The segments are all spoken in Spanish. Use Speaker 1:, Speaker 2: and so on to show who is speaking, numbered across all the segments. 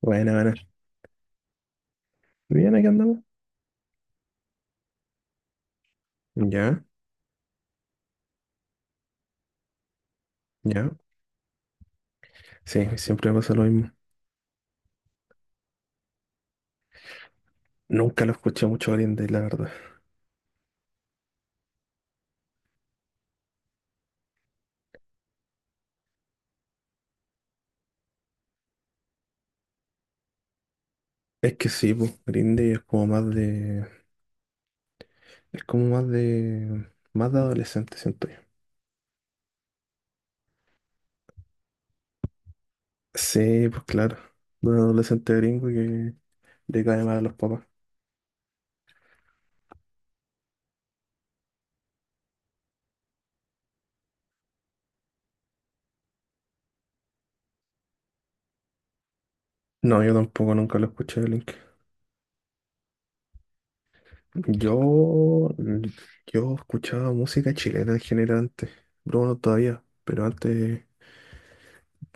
Speaker 1: Bueno, bueno. Bien, aquí andamos. Ya, ya. Sí, siempre me pasa lo mismo. Nunca lo escuché mucho a Green Day, la verdad. Es que sí, pues, Green Day es como más de... Es como más de... Más de adolescente, siento yo. Sí, pues claro. De un adolescente gringo que le cae mal a los papás. No, yo tampoco nunca lo escuché, Blink. Yo... Yo escuchaba música chilena en general antes. Bruno todavía, pero antes...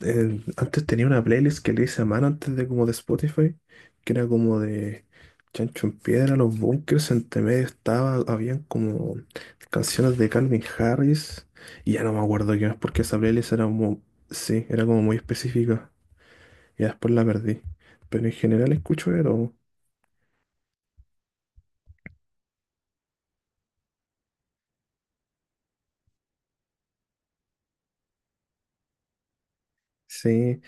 Speaker 1: antes tenía una playlist que le hice a mano antes de como de Spotify, que era como de Chancho en Piedra, Los Bunkers, entre medio estaba, habían como canciones de Calvin Harris, y ya no me acuerdo qué más, porque esa playlist era como, sí, era como muy específica, y después la perdí. Pero en general escucho de todo. Sí,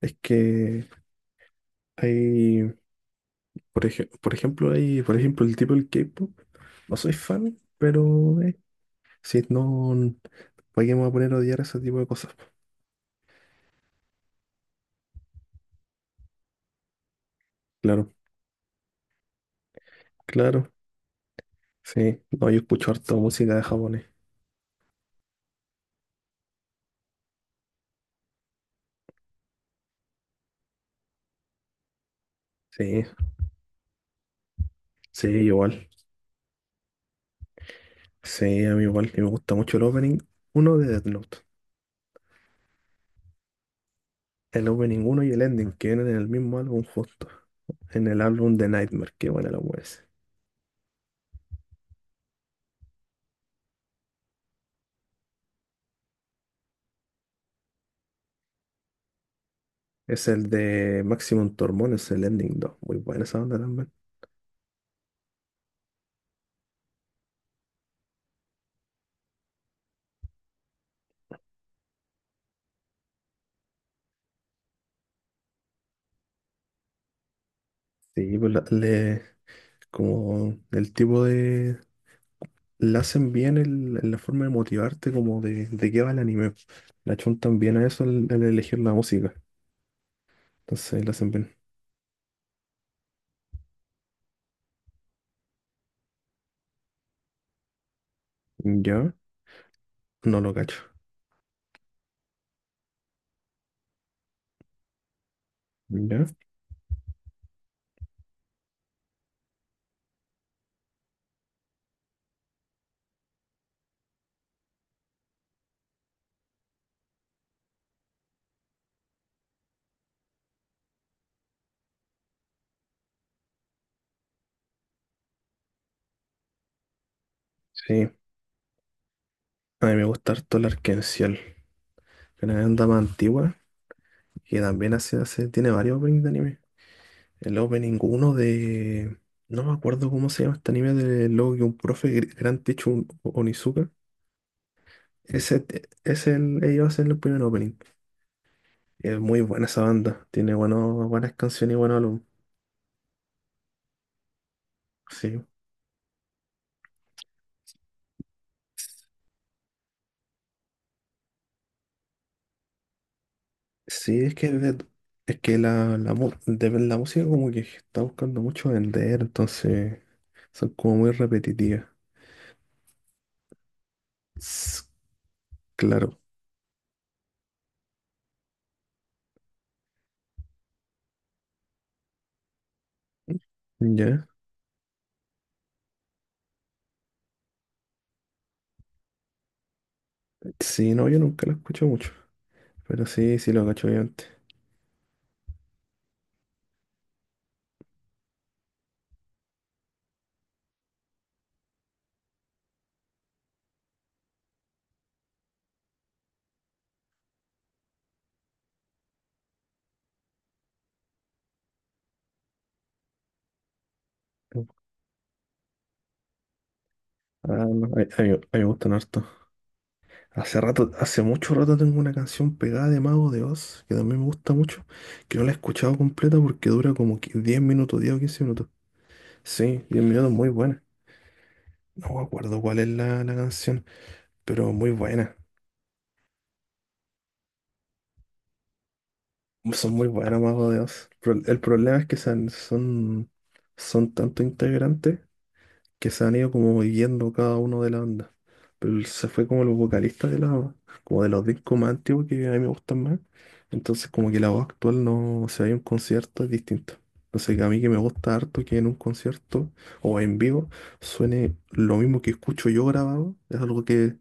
Speaker 1: es que hay, por ej- por ejemplo, hay, por ejemplo, el tipo del K-pop, no soy fan, pero sí, no. ¿Para qué me voy a poner a odiar ese tipo de cosas? Claro, claro. Sí, no, yo escucho harto música de japonés. Sí, sí, igual. Sí, a mí igual. Y me gusta mucho el opening uno de Death Note. El opening uno y el ending que vienen en el mismo álbum justo. En el álbum de Nightmare, qué buena la wea ese. Es el de Maximum Tormón, es el ending dos. Muy buena esa banda también. Sí, pues como el tipo de, la hacen bien en la forma de motivarte, como de qué va el anime. La chuntan bien a eso al, al elegir la música. Entonces la hacen bien. ¿Ya? No lo cacho. ¿Ya? Sí. A mí me gusta harto el Arc Ciel, que no es una banda más antigua y también hace, hace, tiene varios openings de anime. El opening uno de... No me acuerdo cómo se llama este anime de luego que un profe, Gran Teacher Onizuka. Ese es el, ellos hacen el primer opening. Es muy buena esa banda. Tiene buenos, buenas canciones y buenos álbumes. Sí, sí, es que, es que la, la música como que está buscando mucho vender, entonces son como muy repetitivas. S- Claro, ya. Sí, no, yo nunca la escucho mucho, pero sí, sí lo cacho antes. Ah, no, a mí a mí me gustan harto. Hace rato, hace mucho rato tengo una canción pegada de Mago de Oz, que también me gusta mucho, que no la he escuchado completa porque dura como qui- 10 minutos, 10 o 15 minutos. Sí, 10 minutos, muy buena. No me acuerdo cuál es la, la canción, pero muy buena. Son muy buenas Mago de Oz. El problema es que son, son, son tantos integrantes que se han ido como viviendo cada uno de la banda. Pero él se fue como los vocalistas de la, como de los discos más antiguos que a mí me gustan más. Entonces como que la voz actual no, se si hay un concierto es distinto. Entonces a mí que me gusta harto que en un concierto o en vivo suene lo mismo que escucho yo grabado. Es algo que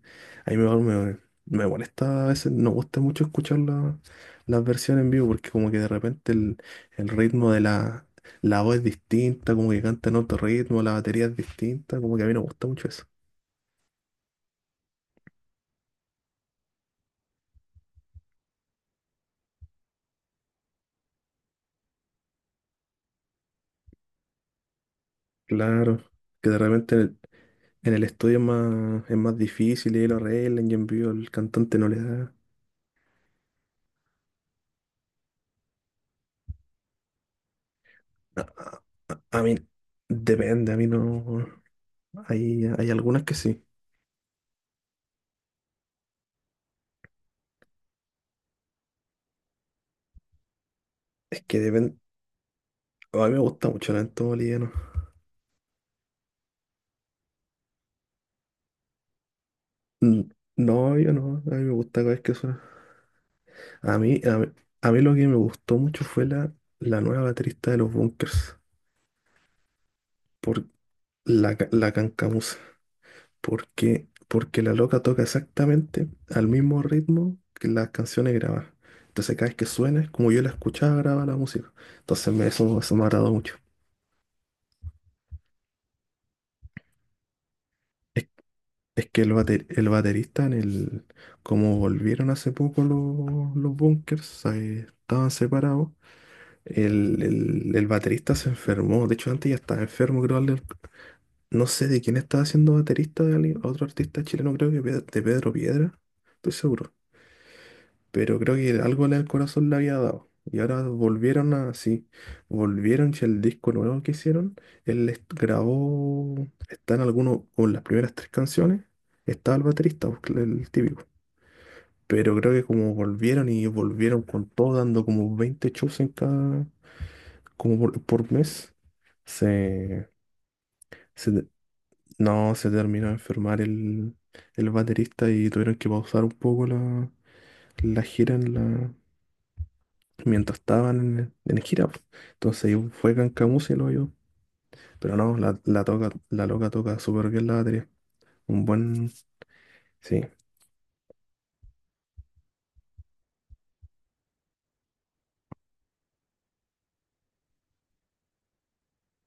Speaker 1: a mí me molesta a veces, no gusta mucho escuchar las versiones en vivo porque como que de repente el ritmo de la, la voz es distinta, como que canta en otro ritmo, la batería es distinta, como que a mí no me gusta mucho eso. Claro, que de repente en el estudio es más difícil y ahí lo arreglan y en vivo el cantante no le da. A, a mí depende, a mí no. Hay algunas que sí. Es que depende. A mí me gusta mucho el entorno boliviano. Mm, no, yo no, a mí me gusta cada vez que suena. A mí, a mí, a mí lo que me gustó mucho fue la, la nueva baterista de los Bunkers, por la, la Cancamusa. Porque, porque la loca toca exactamente al mismo ritmo que las canciones grabadas. Entonces cada vez que suena, es como yo la escuchaba, graba la música. Entonces eso, eso me ha agradó mucho. Es, es que el, el baterista en el... Como volvieron hace poco los bunkers, estaban separados. El baterista se enfermó. De hecho, antes ya estaba enfermo, creo. No sé de quién estaba siendo baterista de alguien- otro artista chileno, creo que de Pedro Piedra. Estoy seguro. Pero creo que algo en el corazón le había dado. Y ahora volvieron a, sí, volvieron si el disco nuevo que hicieron, él les grabó, están algunos, con las primeras tres canciones, estaba el baterista, pues, el típico. Pero creo que como volvieron y volvieron con todo, dando como 20 shows en cada, como por mes, se, se te- no, se terminó de enfermar el baterista y tuvieron que pausar un poco la, la gira en la, mientras estaban en gira, pues. Entonces fue Cancamusa y lo yo. Pero no, la loca toca súper bien la batería. Un buen... Sí,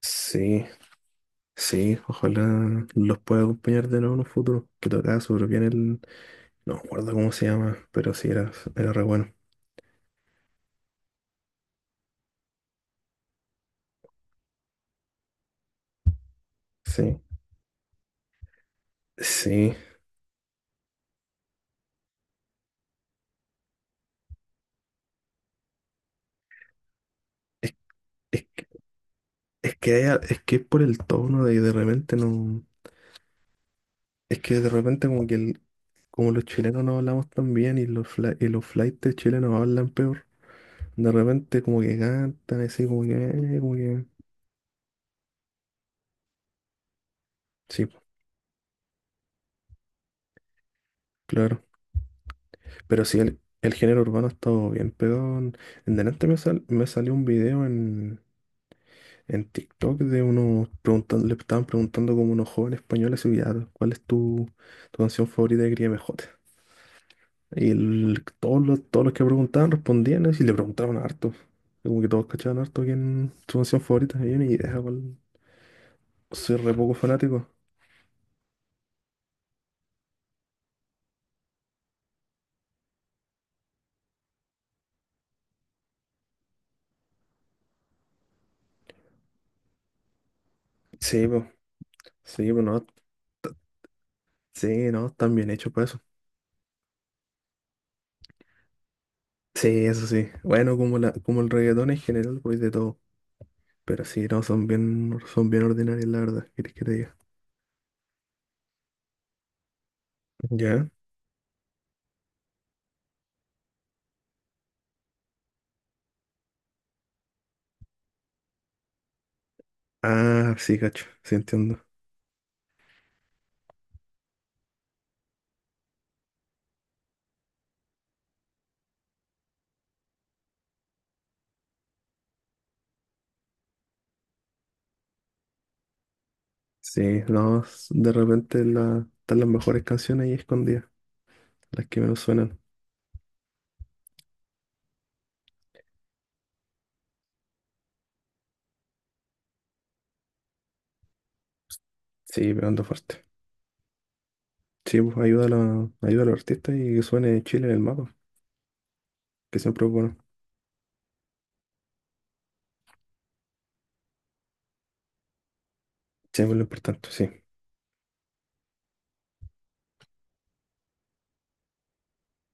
Speaker 1: sí, sí. Ojalá los pueda acompañar de nuevo en un futuro. Que tocaba súper bien el... No me acuerdo cómo se llama, pero sí, era, era re bueno. Sí, sí. Es, es, que- es que hay es que es por el tono de repente no... Es que de repente como que el, como los chilenos no hablamos tan bien y los, y los flaites chilenos hablan peor. De repente como que cantan así, como que... Sí, po, claro. Pero sí, el género urbano ha estado bien pegado. En delante me, me salió un video en TikTok de unos preguntando, le estaban preguntando como unos jóvenes españoles, y ya, ¿cuál es tu, tu canción favorita de Mejor? Y todos los que preguntaban respondían así, y le preguntaban harto. Como que todos cachaban harto quién su canción favorita. Y yo ni idea cuál. Soy re poco fanático. Sí, pues. Sí, pues no. Sí, no, están bien hechos para eso. Sí, eso sí. Bueno, como la, como el reggaetón en general, pues de todo. Pero sí, no, son bien ordinarias la verdad, ¿quieres que te diga? ¿Ya? Ah, sí, cacho, sí entiendo. Sí, no, de repente la, están las mejores canciones ahí escondidas, las que menos suenan. Sí, pegando fuerte. Sí, pues ayuda a, ayuda a los artistas y que suene Chile en el mapa, que siempre es bueno. Siempre es lo importante, sí.